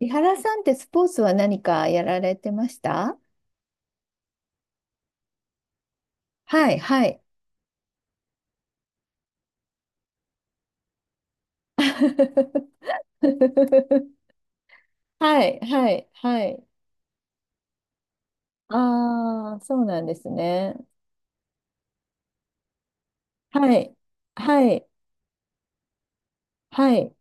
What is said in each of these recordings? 井原さんってスポーツは何かやられてました？はい、はい。はい、はい、はい。ああ、そうなんですね。はい、はい、はい、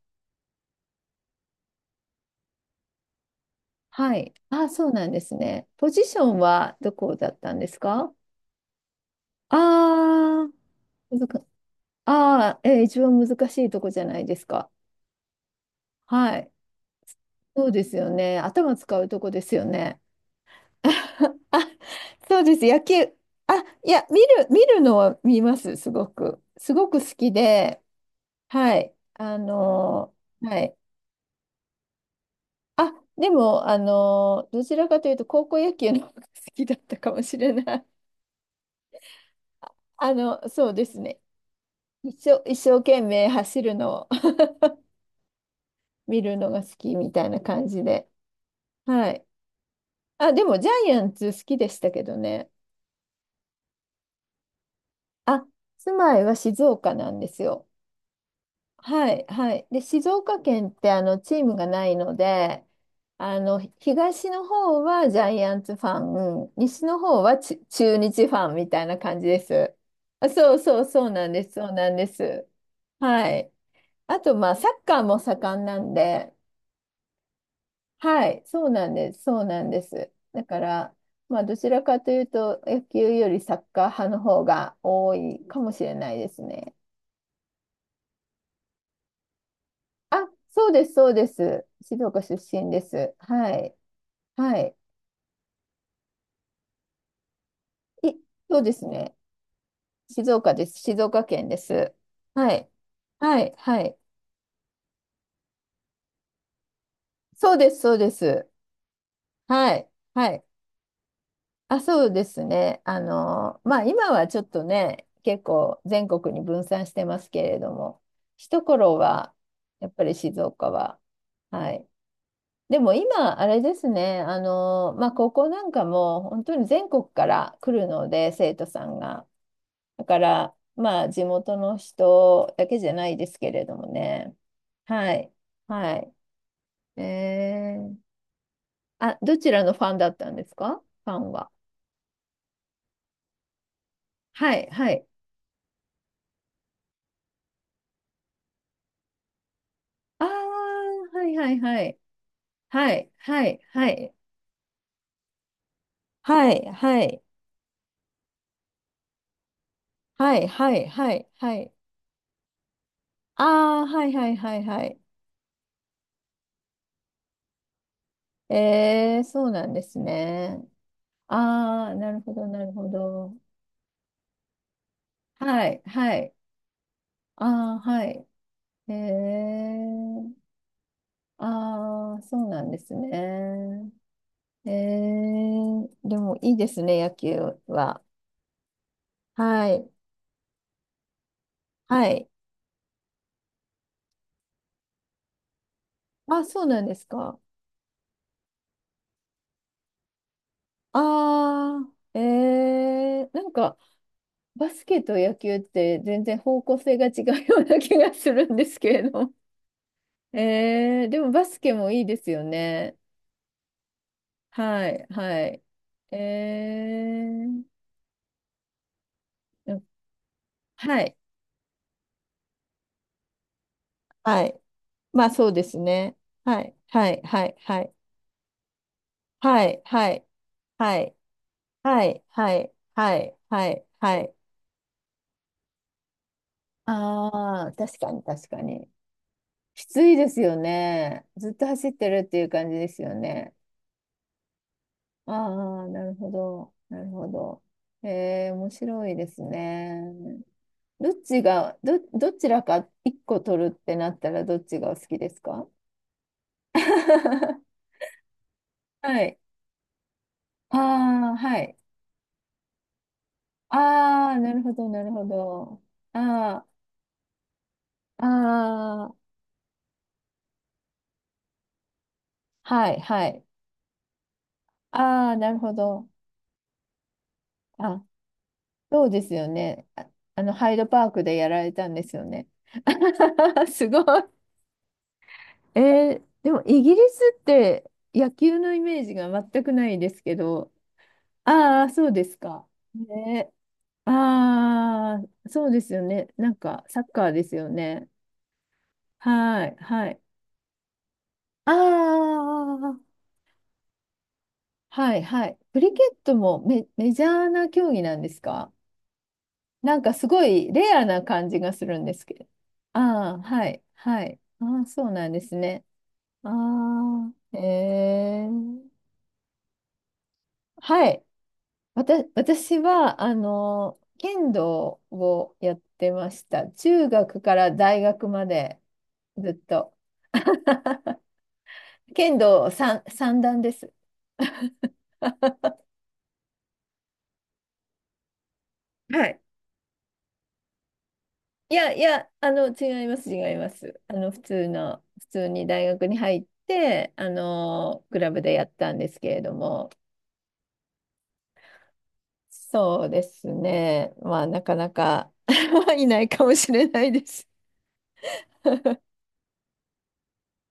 はい。ああ、そうなんですね。ポジションはどこだったんですか？ああー、ああ、一番難しいとこじゃないですか。はい。そうですよね。頭使うとこですよね。あ、そうです。野球。あ、いや、見るのは見ます。すごく。すごく好きで。はい。はい。あ、でも、どちらかというと、高校野球の方が好きだったかもしれない。あの、そうですね。一生懸命走るのを 見るのが好きみたいな感じで。はい。あ、でも、ジャイアンツ好きでしたけどね。あ、住まいは静岡なんですよ。はい、はい。で、静岡県ってあのチームがないので、あの東の方はジャイアンツファン、西の方は中日ファンみたいな感じです。あ、そうなんです。はい。あと、まあ、サッカーも盛んなんで、はい、そうなんです。だから、まあ、どちらかというと、野球よりサッカー派の方が多いかもしれないですね。あ、そうです。静岡出身です。はい。はい。い、そうですね。静岡です。静岡県です。はい。はい。はい。そうです。はい。はい。あ、そうですね。あの、まあ、今はちょっとね、結構全国に分散してますけれども、一頃は、やっぱり静岡は、はい。でも今、あれですね、あの、まあ、高校なんかも本当に全国から来るので、生徒さんが。だから、まあ、地元の人だけじゃないですけれどもね。はい。はい。えー、あ、どちらのファンだったんですか？ファンは。はい、はい。ああ、はいはいはい。はい、はい、はい。はい、はい、はい、はい、はい、はい。ああ、はいはいはいはい。えー、そうなんですね。ああ、なるほど、なるほど。はい、はい。ああ、はい。えー。ああ、そうなんですね。ええ、でもいいですね、野球は。はい。はい。あ、そうなんですか。ああ、なんか、バスケと野球って全然方向性が違うような気がするんですけれども。ええ、でもバスケもいいですよね。はい、はい。ええ、うん、はい、はい。まあ、そうですね。はい、はい、はい、はい。はい、はい、はい、はい、はい、はい、はい、はい。ああ、確かに確かに。きついですよね。ずっと走ってるっていう感じですよね。ああ、なるほど。なるほど。えー、面白いですね。どちらか一個取るってなったらどっちがお好きですか？ はい。ああ、はい。ああ、なるほど、なるほど。ああ、ああ、はい、はい。ああ、なるほど。あ、そうですよね。あ、あの、ハイドパークでやられたんですよね。すごい。えー、でもイギリスって野球のイメージが全くないですけど、ああ、そうですか。ね、ああ、そうですよね。なんか、サッカーですよね。はい、はい。ああ、はい、はい。クリケットもメジャーな競技なんですか？なんかすごいレアな感じがするんですけど。ああ、はい、はい。ああ、そうなんですね。ああ、えー、はい。私は、あの、剣道をやってました。中学から大学までずっと。剣道三、三段です。はい。いや、あの、違います。あの、普通に大学に入って、あの、クラブでやったんですけれども。そうですね。まあ、なかなか いないかもしれないです。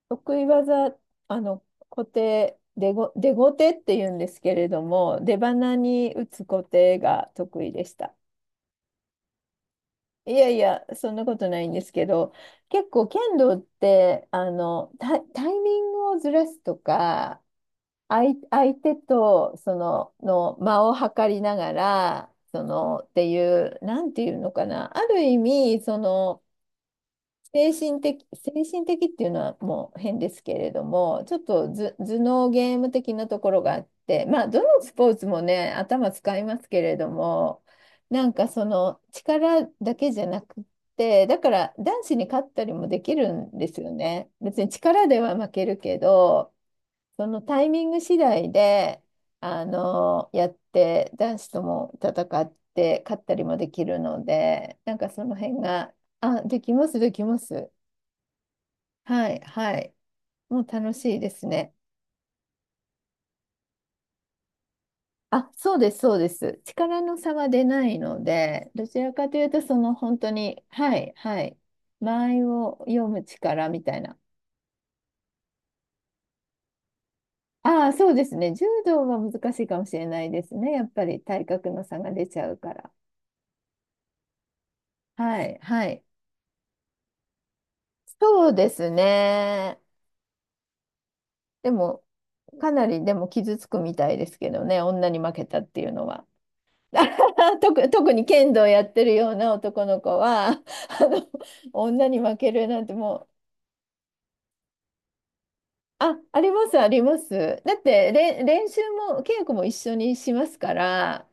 得意技、あの、出小手って言うんですけれども、出鼻に打つ小手が得意でした。いやいや、そんなことないんですけど、結構剣道って、あの、タイミングをずらすとか、相手と、その、の間を測りながら、その、っていう、なんていうのかな、ある意味、その、精神的、精神的っていうのはもう変ですけれども、ちょっとず頭脳ゲーム的なところがあって、まあ、どのスポーツもね、頭使いますけれども、なんかその力だけじゃなくて、だから男子に勝ったりもできるんですよね。別に力では負けるけど、そのタイミング次第で、あの、やって、男子とも戦って、勝ったりもできるので、なんかその辺が、あ、できます。はい、はい。もう楽しいですね。あ、そうです。力の差は出ないので、どちらかというと、その本当に、はい、はい。間合いを読む力みたいな。ああ、そうですね。柔道は難しいかもしれないですね。やっぱり体格の差が出ちゃうから。はい、はい。そうですね。でも、かなりでも傷つくみたいですけどね、女に負けたっていうのは。特に剣道やってるような男の子は、あの、女に負けるなんてもう、あ、あります。だって、練習も、稽古も一緒にしますから、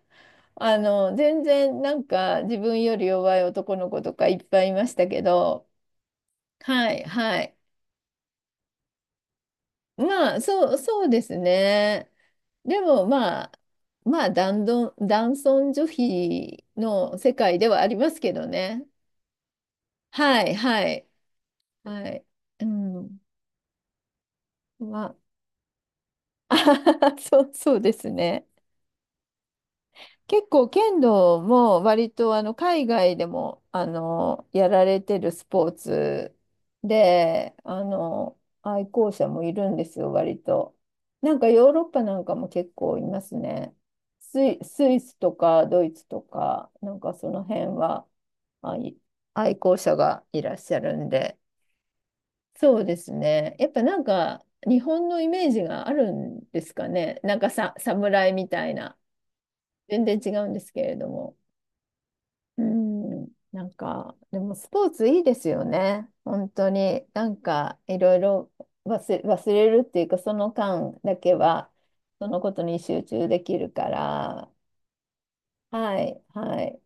あの、全然なんか自分より弱い男の子とかいっぱいいましたけど、はい、はい。まあ、そうですね。でもまあ、まあ、男尊女卑の世界ではありますけどね。はい、はい。はい。うん。まあ、そうですね。結構剣道も割とあの海外でもあのやられてるスポーツであの愛好者もいるんですよ、割と。なんかヨーロッパなんかも結構いますね。スイスとかドイツとか、なんかその辺は、あい愛好者がいらっしゃるんで。そうですね。やっぱなんか日本のイメージがあるんですかね。なんかさ、侍みたいな。全然違うんですけれども。うん。なんか、でもスポーツいいですよね。本当に。なんかいろいろ忘れるっていうか、その間だけは、そのことに集中できるから。はい、はい。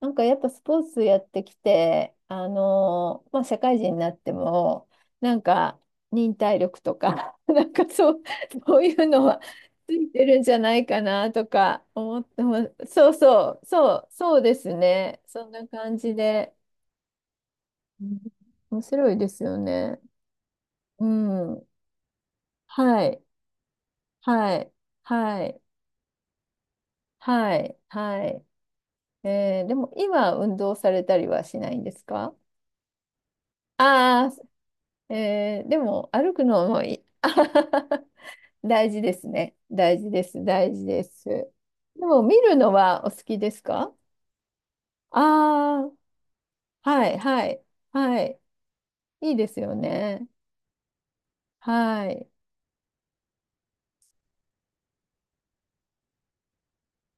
なんかやっぱスポーツやってきて、まあ、社会人になっても、なんか忍耐力とか、なんかそう、そういうのはついてるんじゃないかなとか思ってます。そうですね。そんな感じで。うん、面白いですよね。うん。はい、はい、はい、はい、はい。えー、でも今運動されたりはしないんですか？ああー、えー、でも歩くのもいい 大事ですね。大事です。大事です。でも見るのはお好きですか？ああー、はい、はい、はい。いいですよね。はい。